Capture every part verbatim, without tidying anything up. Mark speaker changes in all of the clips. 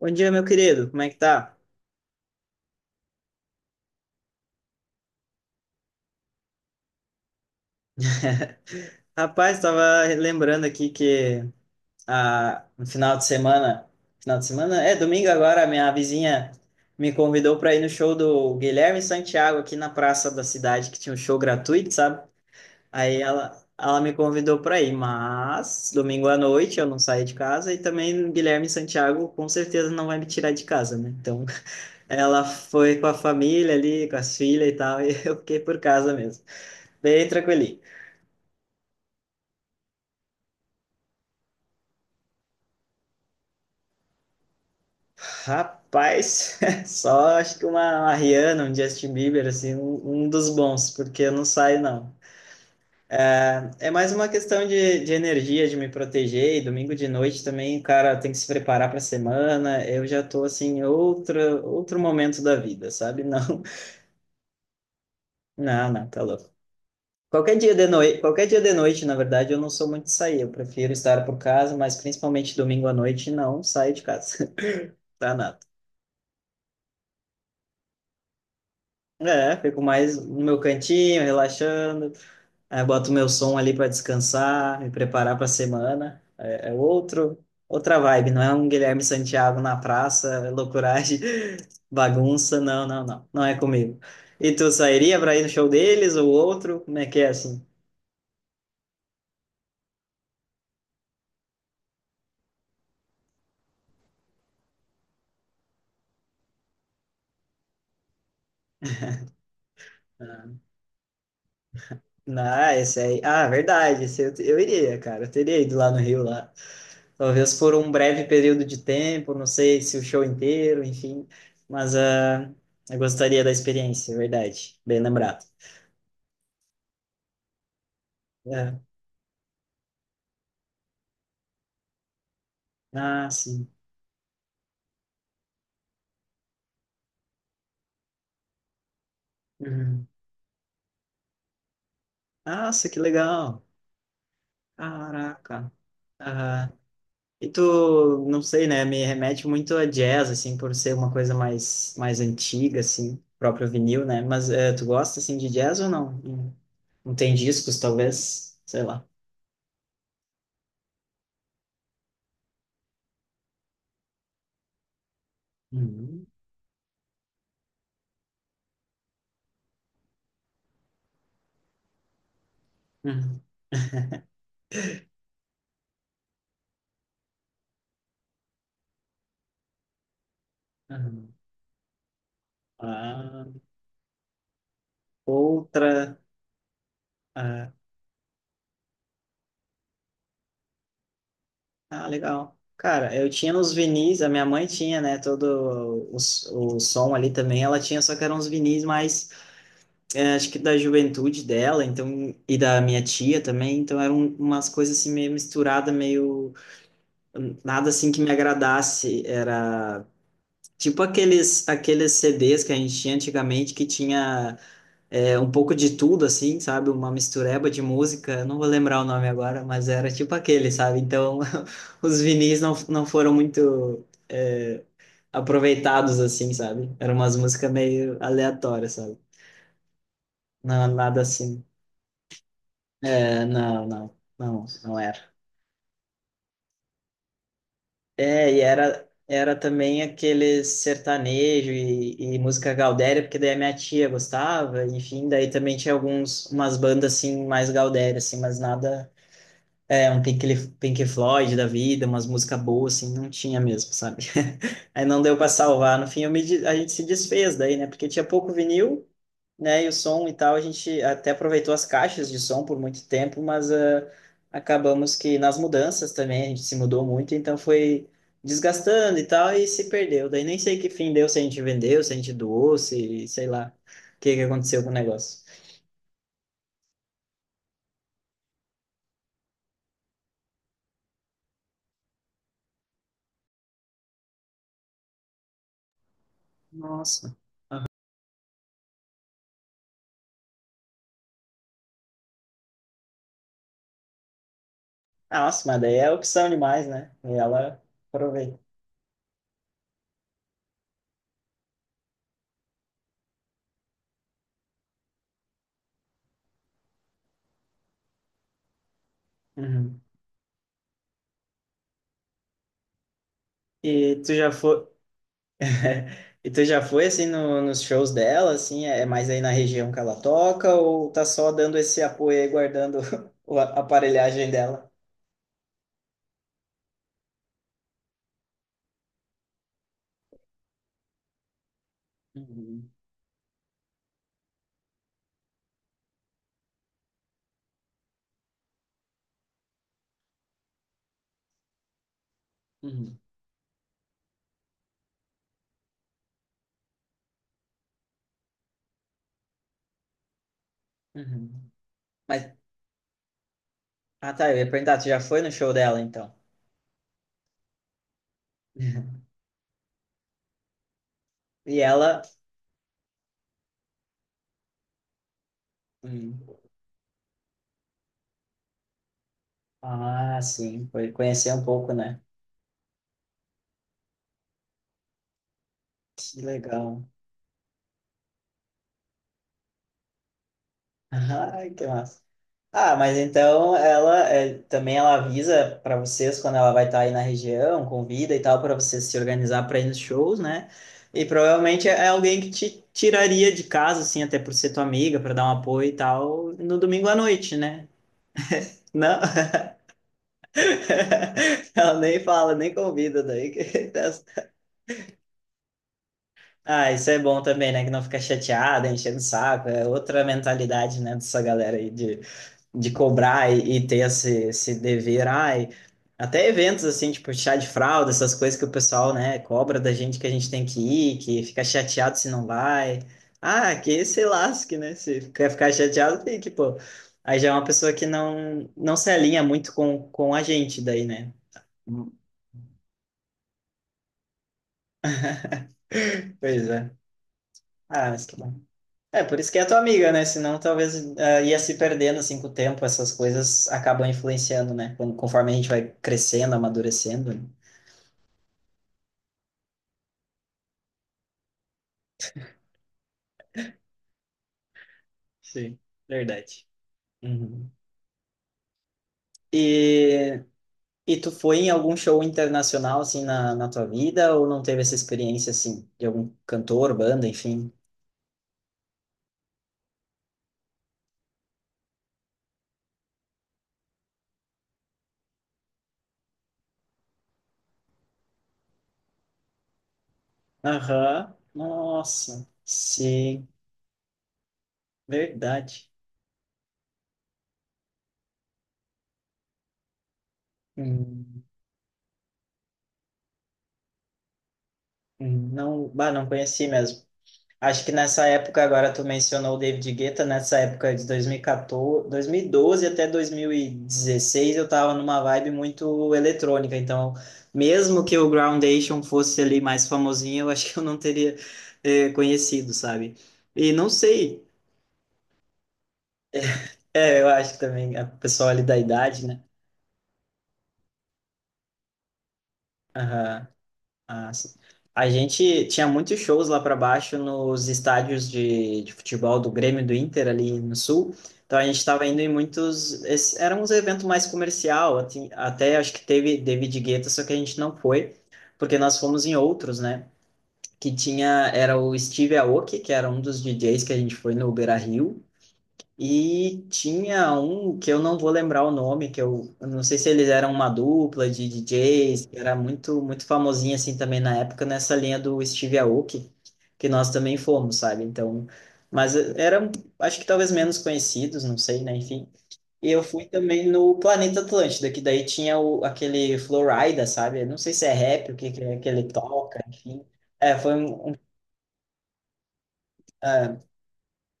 Speaker 1: Bom dia, meu querido. Como é que tá? Rapaz, tava lembrando aqui que ah, no final de semana, final de semana, é domingo agora, a minha vizinha me convidou para ir no show do Guilherme Santiago aqui na praça da cidade, que tinha um show gratuito, sabe? Aí ela, ela me convidou para ir, mas domingo à noite eu não saí de casa e também o Guilherme Santiago com certeza não vai me tirar de casa, né? Então, ela foi com a família ali, com as filhas e tal, e eu fiquei por casa mesmo. Bem tranquilo. Rapaz, só acho que uma, uma Rihanna, um Justin Bieber, assim, um, um dos bons, porque eu não saio, não. É mais uma questão de, de energia, de me proteger, e domingo de noite também, cara, tem que se preparar para a semana, eu já tô, assim, em outro, outro momento da vida, sabe? Não, não, não, tá louco. Qualquer dia de noite, qualquer dia de noite, na verdade, eu não sou muito de sair, eu prefiro estar por casa, mas principalmente domingo à noite, não saio de casa, tá nada. É, fico mais no meu cantinho, relaxando. Aí eu boto meu som ali para descansar, me preparar para a semana. É, é outro, outra vibe, não é um Guilherme Santiago na praça, é loucuragem, bagunça, não, não, não, não é comigo. E tu sairia para ir no show deles ou outro? Como é que é assim? Ah, não, ah, esse aí. Ah, verdade, esse eu, eu iria, cara. Eu teria ido lá no Rio lá. Talvez por um breve período de tempo, não sei se o show inteiro, enfim. Mas ah, eu gostaria da experiência, é verdade. Bem lembrado. É. Ah, sim. Uhum. Nossa, que legal. Caraca. Aham. E tu, não sei, né? Me remete muito a jazz, assim, por ser uma coisa mais, mais antiga, assim, próprio vinil, né? Mas eh, tu gosta, assim, de jazz ou não? Não não tem discos, talvez? Sei lá. Uhum. Uhum. Uhum. Ah, outra. Ah, ah, legal. Cara, eu tinha nos vinis, a minha mãe tinha, né? Todo o, o som ali também, ela tinha, só que eram uns vinis mais é, acho que da juventude dela, então, e da minha tia também, então eram umas coisas assim meio misturada, meio nada assim que me agradasse, era tipo aqueles aqueles C Ds que a gente tinha antigamente que tinha é, um pouco de tudo assim, sabe, uma mistureba de música, não vou lembrar o nome agora, mas era tipo aquele, sabe? Então, os vinis não não foram muito é, aproveitados assim, sabe? Eram umas músicas meio aleatórias, sabe? Não, nada assim. É, não, não, não, não era. É, e era, era também aquele sertanejo e, e música gaudéria, porque daí a minha tia gostava, enfim, daí também tinha alguns, umas bandas assim, mais gaudéria, assim, mas nada, é, um Pink, Pink Floyd da vida, umas músicas boas, assim, não tinha mesmo, sabe? Aí não deu pra salvar, no fim eu me, de- a gente se desfez daí, né, porque tinha pouco vinil, né? E o som e tal, a gente até aproveitou as caixas de som por muito tempo, mas ah, acabamos que nas mudanças também a gente se mudou muito, então foi desgastando e tal, e se perdeu. Daí nem sei que fim deu, se a gente vendeu, se a gente doou, se sei lá o que que aconteceu com o negócio. Nossa, nossa, mas daí é opção demais, né? E ela aproveita. Uhum. E tu já foi, E tu já foi assim no- nos shows dela, assim, é é mais aí na região que ela toca, ou tá só dando esse apoio aí, guardando o a aparelhagem dela? Uhum, uhum, uhum. Mas, ah tá, eu ia perguntar, tu já foi no show dela então? Uhum. E ela. Hum. Ah, sim, foi conhecer um pouco, né? Que legal. Ah, que massa. Ah, mas então ela é, também ela avisa para vocês quando ela vai estar aí na região, convida e tal, para vocês se organizar para ir nos shows, né? E provavelmente é alguém que te tiraria de casa, assim, até por ser tua amiga, para dar um apoio e tal, no domingo à noite, né? Não, ela nem fala, nem convida daí. que- Ah, isso é bom também, né? Que não fica chateada, enchendo o saco. É outra mentalidade, né, dessa galera aí de cobrar e, e ter esse, esse dever, ai, até eventos assim, tipo chá de fralda, essas coisas que o pessoal, né, cobra da gente que a gente tem que ir, que fica chateado se não vai. Ah, que se lasque, né? Se quer ficar chateado, tem que, pô. Aí já é uma pessoa que não, não se alinha muito com, com a gente daí, né? Pois é. Ah, mas que bom. É, por isso que é tua amiga, né? Senão talvez ah, ia se perdendo assim com o tempo, essas coisas acabam influenciando, né? Quando- Conforme a gente vai crescendo, amadurecendo, né. Sim, verdade. Uhum. E, e tu foi em algum show internacional, assim, na, na tua vida? Ou não teve essa experiência, assim, de algum cantor, banda, enfim? Aham. Nossa, sim, verdade. Hum, hum. Não, bah, não conheci mesmo. Acho que nessa época, agora tu mencionou o David Guetta, nessa época de dois mil e quatorze, dois mil e doze até dois mil e dezesseis, eu tava numa vibe muito eletrônica, então mesmo que o Groundation fosse ali mais famosinho, eu acho que eu não teria eh, conhecido, sabe? E não sei, é, eu acho que também a pessoa ali da idade, né? Ah, sim. A gente tinha muitos shows lá para baixo nos estádios de, de futebol do Grêmio e do Inter ali no sul. Então a gente estava indo em muitos. Esse, era uns eventos mais comercial, ati- até acho que teve David Guetta, só que a gente não foi, porque nós fomos em outros, né? Que tinha, era o Steve Aoki, que era um dos D Js que a gente foi no Beira-Rio. E tinha um que eu não vou lembrar o nome, que eu, eu não sei se eles eram uma dupla de D Js, que era muito muito famosinho assim também na época, nessa linha do Steve Aoki, que nós também fomos, sabe? Então, mas eh, eram, acho que talvez menos conhecidos, não sei, né? Enfim. E eu fui também no Planeta Atlântida, que daí tinha o, aquele Flowrider, sabe? Eu não sei se é rap, o que, que é que ele toca, enfim. É, foi um, um- é,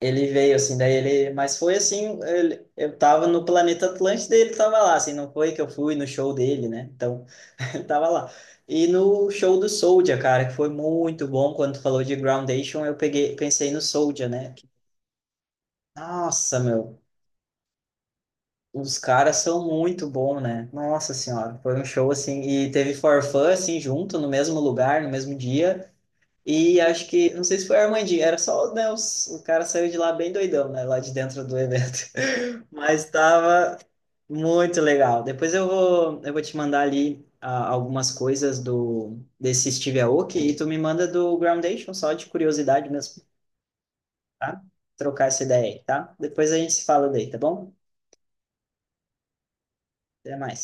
Speaker 1: ele veio, assim, daí ele. Mas foi assim, ele- eu tava no planeta Atlântida e ele tava lá, assim, não foi que eu fui no show dele, né? Então, ele tava lá. E no show do Soulja, cara, que foi muito bom, quando tu falou de Groundation, eu peguei, pensei no Soulja, né? Que- Nossa, meu, os caras são muito bons, né? Nossa senhora, foi um show assim, e teve For Fun, assim, junto, no mesmo lugar, no mesmo dia. E acho que, não sei se foi a Armandinho, era só, né, os- o cara saiu de lá bem doidão, né, lá de dentro do evento. Mas tava muito legal. Depois eu vou, eu vou te mandar ali ah, algumas coisas do desse Steve Aoki e tu me manda do Groundation, só de curiosidade mesmo, tá? Trocar essa ideia aí, tá? Depois a gente se fala daí, tá bom? Até mais.